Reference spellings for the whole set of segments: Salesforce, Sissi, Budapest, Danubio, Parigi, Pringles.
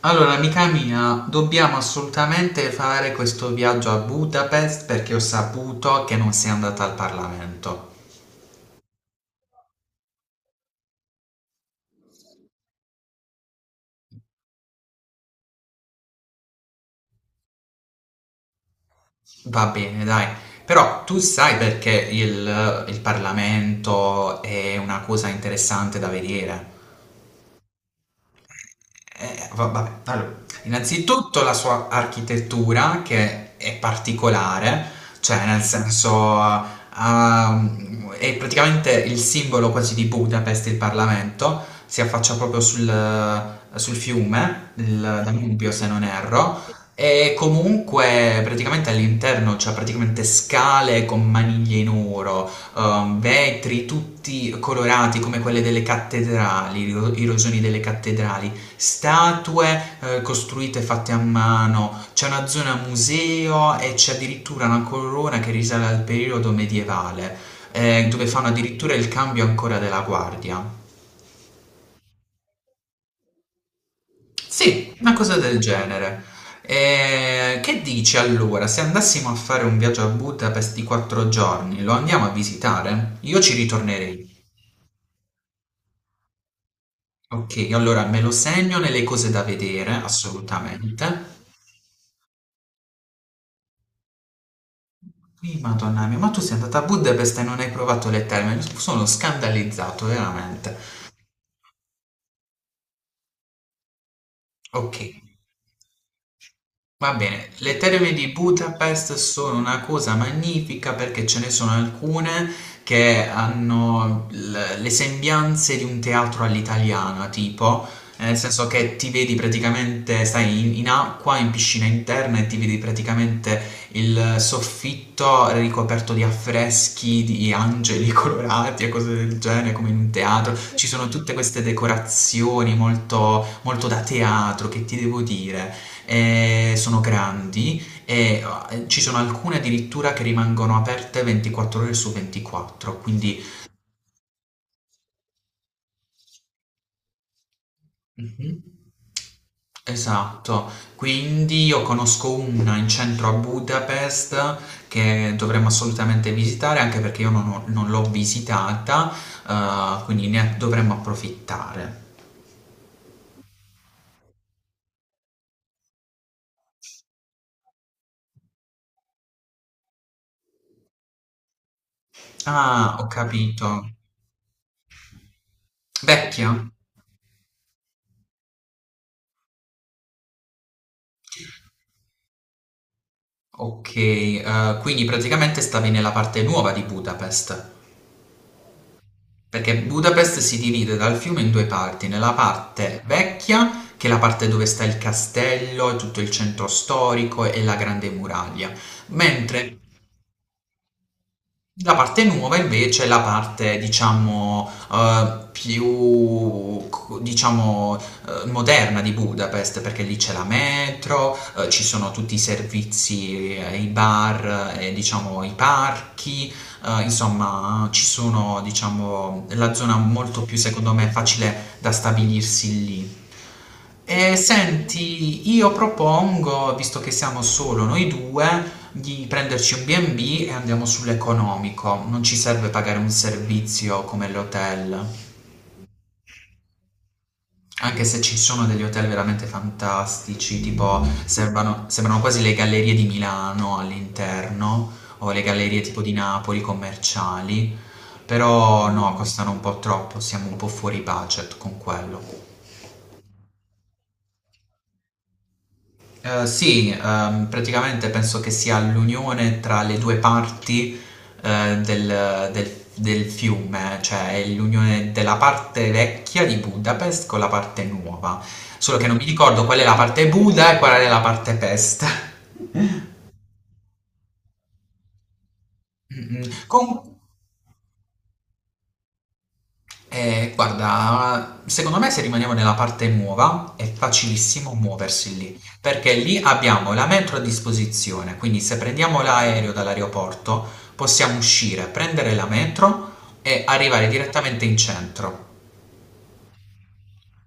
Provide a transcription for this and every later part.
Allora, amica mia, dobbiamo assolutamente fare questo viaggio a Budapest perché ho saputo che non sei andata al Parlamento. Va bene, dai. Però tu sai perché il Parlamento è una cosa interessante da vedere. Vabbè, allora, innanzitutto la sua architettura che è particolare, cioè nel senso è praticamente il simbolo quasi di Budapest, il Parlamento, si affaccia proprio sul fiume, il Danubio se non erro, e comunque praticamente all'interno c'è praticamente scale con maniglie in oro, vetri tutti colorati come quelle delle cattedrali, i rosoni delle cattedrali statue costruite fatte a mano, c'è una zona museo e c'è addirittura una corona che risale al periodo medievale, dove fanno addirittura il cambio ancora della guardia. Sì, una cosa del genere. E che dici allora, se andassimo a fare un viaggio a Budapest di quattro giorni, lo andiamo a visitare? Io ci ritornerei. Ok, allora me lo segno nelle cose da vedere, assolutamente. Sì, Madonna mia, ma tu sei andata a Budapest e non hai provato le terme, sono scandalizzato veramente. Ok. Va bene, le terme di Budapest sono una cosa magnifica perché ce ne sono alcune che hanno le sembianze di un teatro all'italiana, tipo, nel senso che ti vedi praticamente, stai in acqua, in piscina interna e ti vedi praticamente il soffitto ricoperto di affreschi, di angeli colorati e cose del genere, come in un teatro. Ci sono tutte queste decorazioni molto molto da teatro, che ti devo dire? E sono grandi. Ci sono alcune addirittura che rimangono aperte 24 ore su 24, quindi Mhm. Esatto, quindi io conosco una in centro a Budapest che dovremmo assolutamente visitare anche perché io non l'ho visitata, quindi ne dovremmo approfittare. Ah, ho capito. Vecchia? Ok, quindi praticamente stavi nella parte nuova di Budapest. Perché Budapest si divide dal fiume in due parti, nella parte vecchia, che è la parte dove sta il castello e tutto il centro storico e la grande muraglia, mentre la parte nuova invece è la parte, diciamo, più, diciamo, moderna di Budapest, perché lì c'è la metro, ci sono tutti i servizi, i bar, e, diciamo, i parchi, insomma, ci sono, diciamo, la zona molto più, secondo me, facile da stabilirsi lì. E senti, io propongo, visto che siamo solo noi due, di prenderci un B&B e bi e andiamo sull'economico. Non ci serve pagare un servizio come l'hotel, anche se ci sono degli hotel veramente fantastici, tipo sembrano, sembrano quasi le gallerie di Milano all'interno, o le gallerie tipo di Napoli commerciali, però no, costano un po' troppo, siamo un po' fuori budget con quello. Sì, praticamente penso che sia l'unione tra le due parti del fiume, cioè è l'unione della parte vecchia di Budapest con la parte nuova. Solo che non mi ricordo qual è la parte Buda e qual è la parte Pest. Mm, mm. Con- guarda, secondo me se rimaniamo nella parte nuova è facilissimo muoversi lì, perché lì abbiamo la metro a disposizione, quindi se prendiamo l'aereo dall'aeroporto possiamo uscire, prendere la metro e arrivare direttamente in centro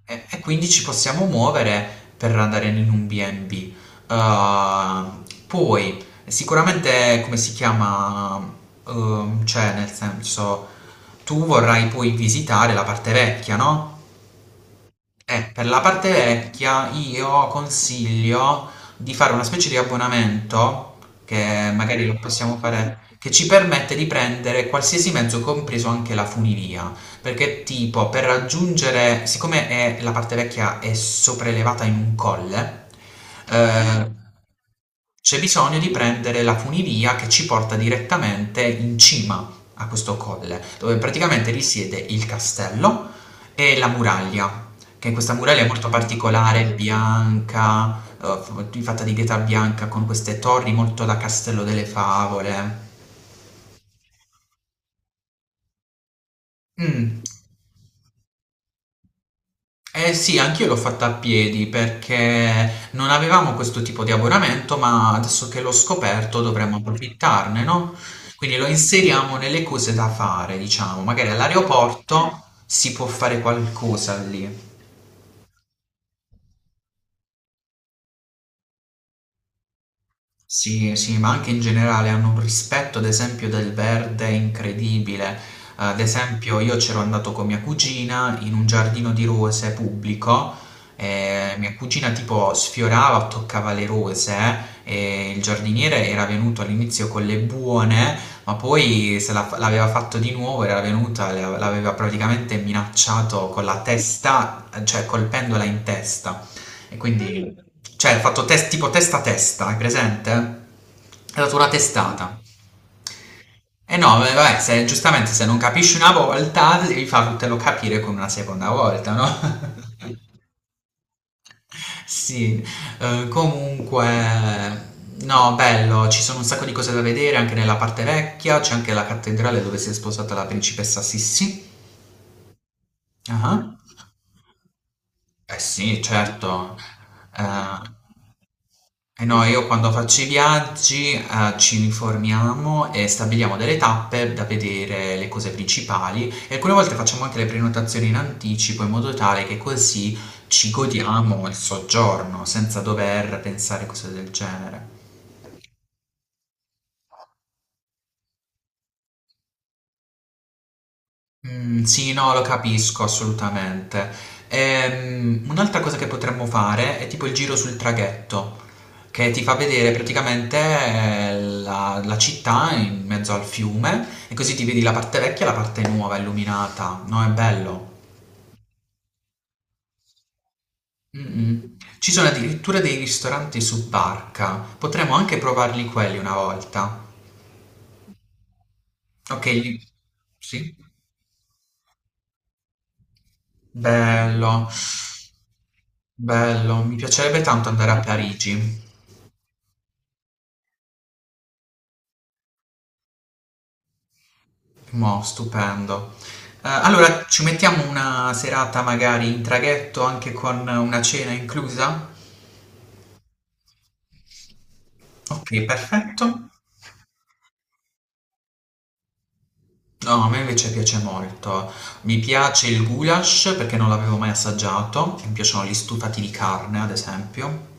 e quindi ci possiamo muovere per andare in un B&B. Poi sicuramente come si chiama, cioè nel senso tu vorrai poi visitare la parte vecchia, no? Per la parte vecchia io consiglio di fare una specie di abbonamento, che magari lo possiamo fare, che ci permette di prendere qualsiasi mezzo, compreso anche la funivia. Perché tipo, per raggiungere, siccome la parte vecchia è sopraelevata in un colle, eh, c'è bisogno di prendere la funivia che ci porta direttamente in cima a questo colle, dove praticamente risiede il castello e la muraglia. Che questa muraglia è molto particolare, bianca, fatta di pietra bianca con queste torri molto da Castello delle Favole. Mm. Eh sì, anch'io l'ho fatta a piedi perché non avevamo questo tipo di abbonamento, ma adesso che l'ho scoperto dovremmo approfittarne, no? Quindi lo inseriamo nelle cose da fare, diciamo. Magari all'aeroporto si può fare qualcosa lì. Sì, sì, ma anche in generale hanno un rispetto, ad esempio, del verde incredibile. Ad esempio, io c'ero andato con mia cugina in un giardino di rose pubblico. E mia cugina tipo sfiorava, toccava le rose e il giardiniere era venuto all'inizio con le buone, ma poi se la- l'aveva fatto di nuovo, era venuta, l'aveva praticamente minacciato con la testa, cioè colpendola in testa. E quindi cioè, hanno fatto test, tipo testa a testa, hai presente? È stata una testata. E no, beh, vabbè, giustamente se non capisci una volta, devi fartelo capire con una seconda volta, no? Sì, comunque, no, bello, ci sono un sacco di cose da vedere anche nella parte vecchia, c'è anche la cattedrale dove si è sposata la principessa Sissi. Ah. Eh sì, certo. Eh, Eh no, io quando faccio i viaggi, ci uniformiamo e stabiliamo delle tappe da vedere le cose principali e alcune volte facciamo anche le prenotazioni in anticipo in modo tale che così ci godiamo il soggiorno senza dover pensare cose del genere. Mm, sì, no, lo capisco assolutamente. Un'altra cosa che potremmo fare è tipo il giro sul traghetto, che ti fa vedere praticamente la città in mezzo al fiume e così ti vedi la parte vecchia e la parte nuova illuminata. No, è bello. Mm, mm. Ci sono addirittura dei ristoranti su barca. Potremmo anche provarli quelli una volta. Ok, sì. Bello. Bello, mi piacerebbe tanto andare a Parigi. Mo, stupendo. Allora ci mettiamo una serata magari in traghetto anche con una cena inclusa? Ok, perfetto. No, a me invece piace molto. Mi piace il goulash perché non l'avevo mai assaggiato, mi piacciono gli stufati di carne, ad esempio.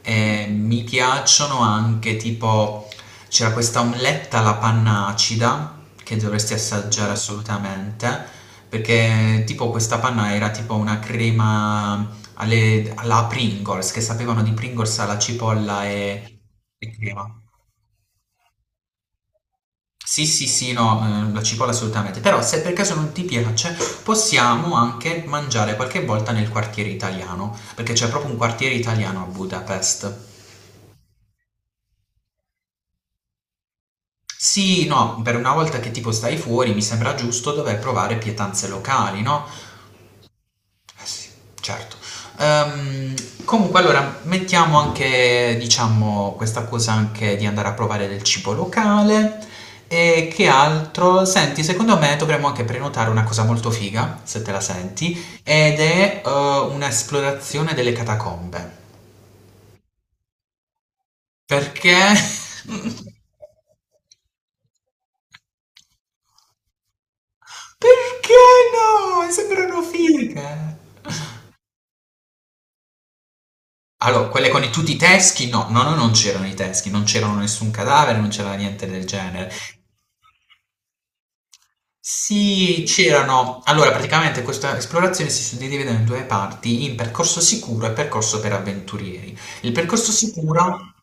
E mi piacciono anche tipo c'era questa omeletta alla panna acida che dovresti assaggiare assolutamente, perché tipo questa panna era tipo una crema alla Pringles, che sapevano di Pringles alla cipolla e crema. Sì, sì, sì, no, la cipolla assolutamente. Però se per caso non ti piace, possiamo anche mangiare qualche volta nel quartiere italiano, perché c'è proprio un quartiere italiano a Budapest. Sì, no, per una volta che tipo stai fuori, mi sembra giusto dover provare pietanze locali, no? Eh sì, certo. Ehm, Comunque allora mettiamo anche, diciamo, questa cosa anche di andare a provare del cibo locale e che altro? Senti, secondo me dovremmo anche prenotare una cosa molto figa, se te la senti, ed è un'esplorazione delle catacombe. Perché? Perché no? Sembrano fighe. Allora, quelle con tutti i teschi, no, no, no, non c'erano i teschi, non c'erano nessun cadavere, non c'era niente del genere. Sì, c'erano. Allora, praticamente questa esplorazione si suddivideva in due parti, in percorso sicuro e percorso per avventurieri. Il percorso sicuro...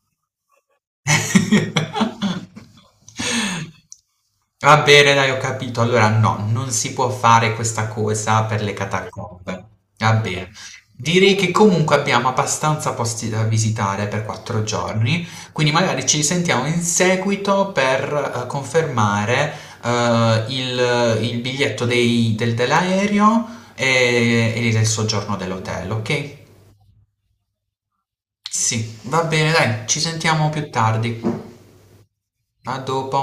Va bene, dai, ho capito. Allora, no, non si può fare questa cosa per le catacombe. Va bene. Direi che comunque abbiamo abbastanza posti da visitare per quattro giorni, quindi magari ci risentiamo in seguito per confermare il biglietto dell'aereo e il soggiorno dell'hotel, ok? Sì, va bene, dai, ci sentiamo più tardi. A dopo.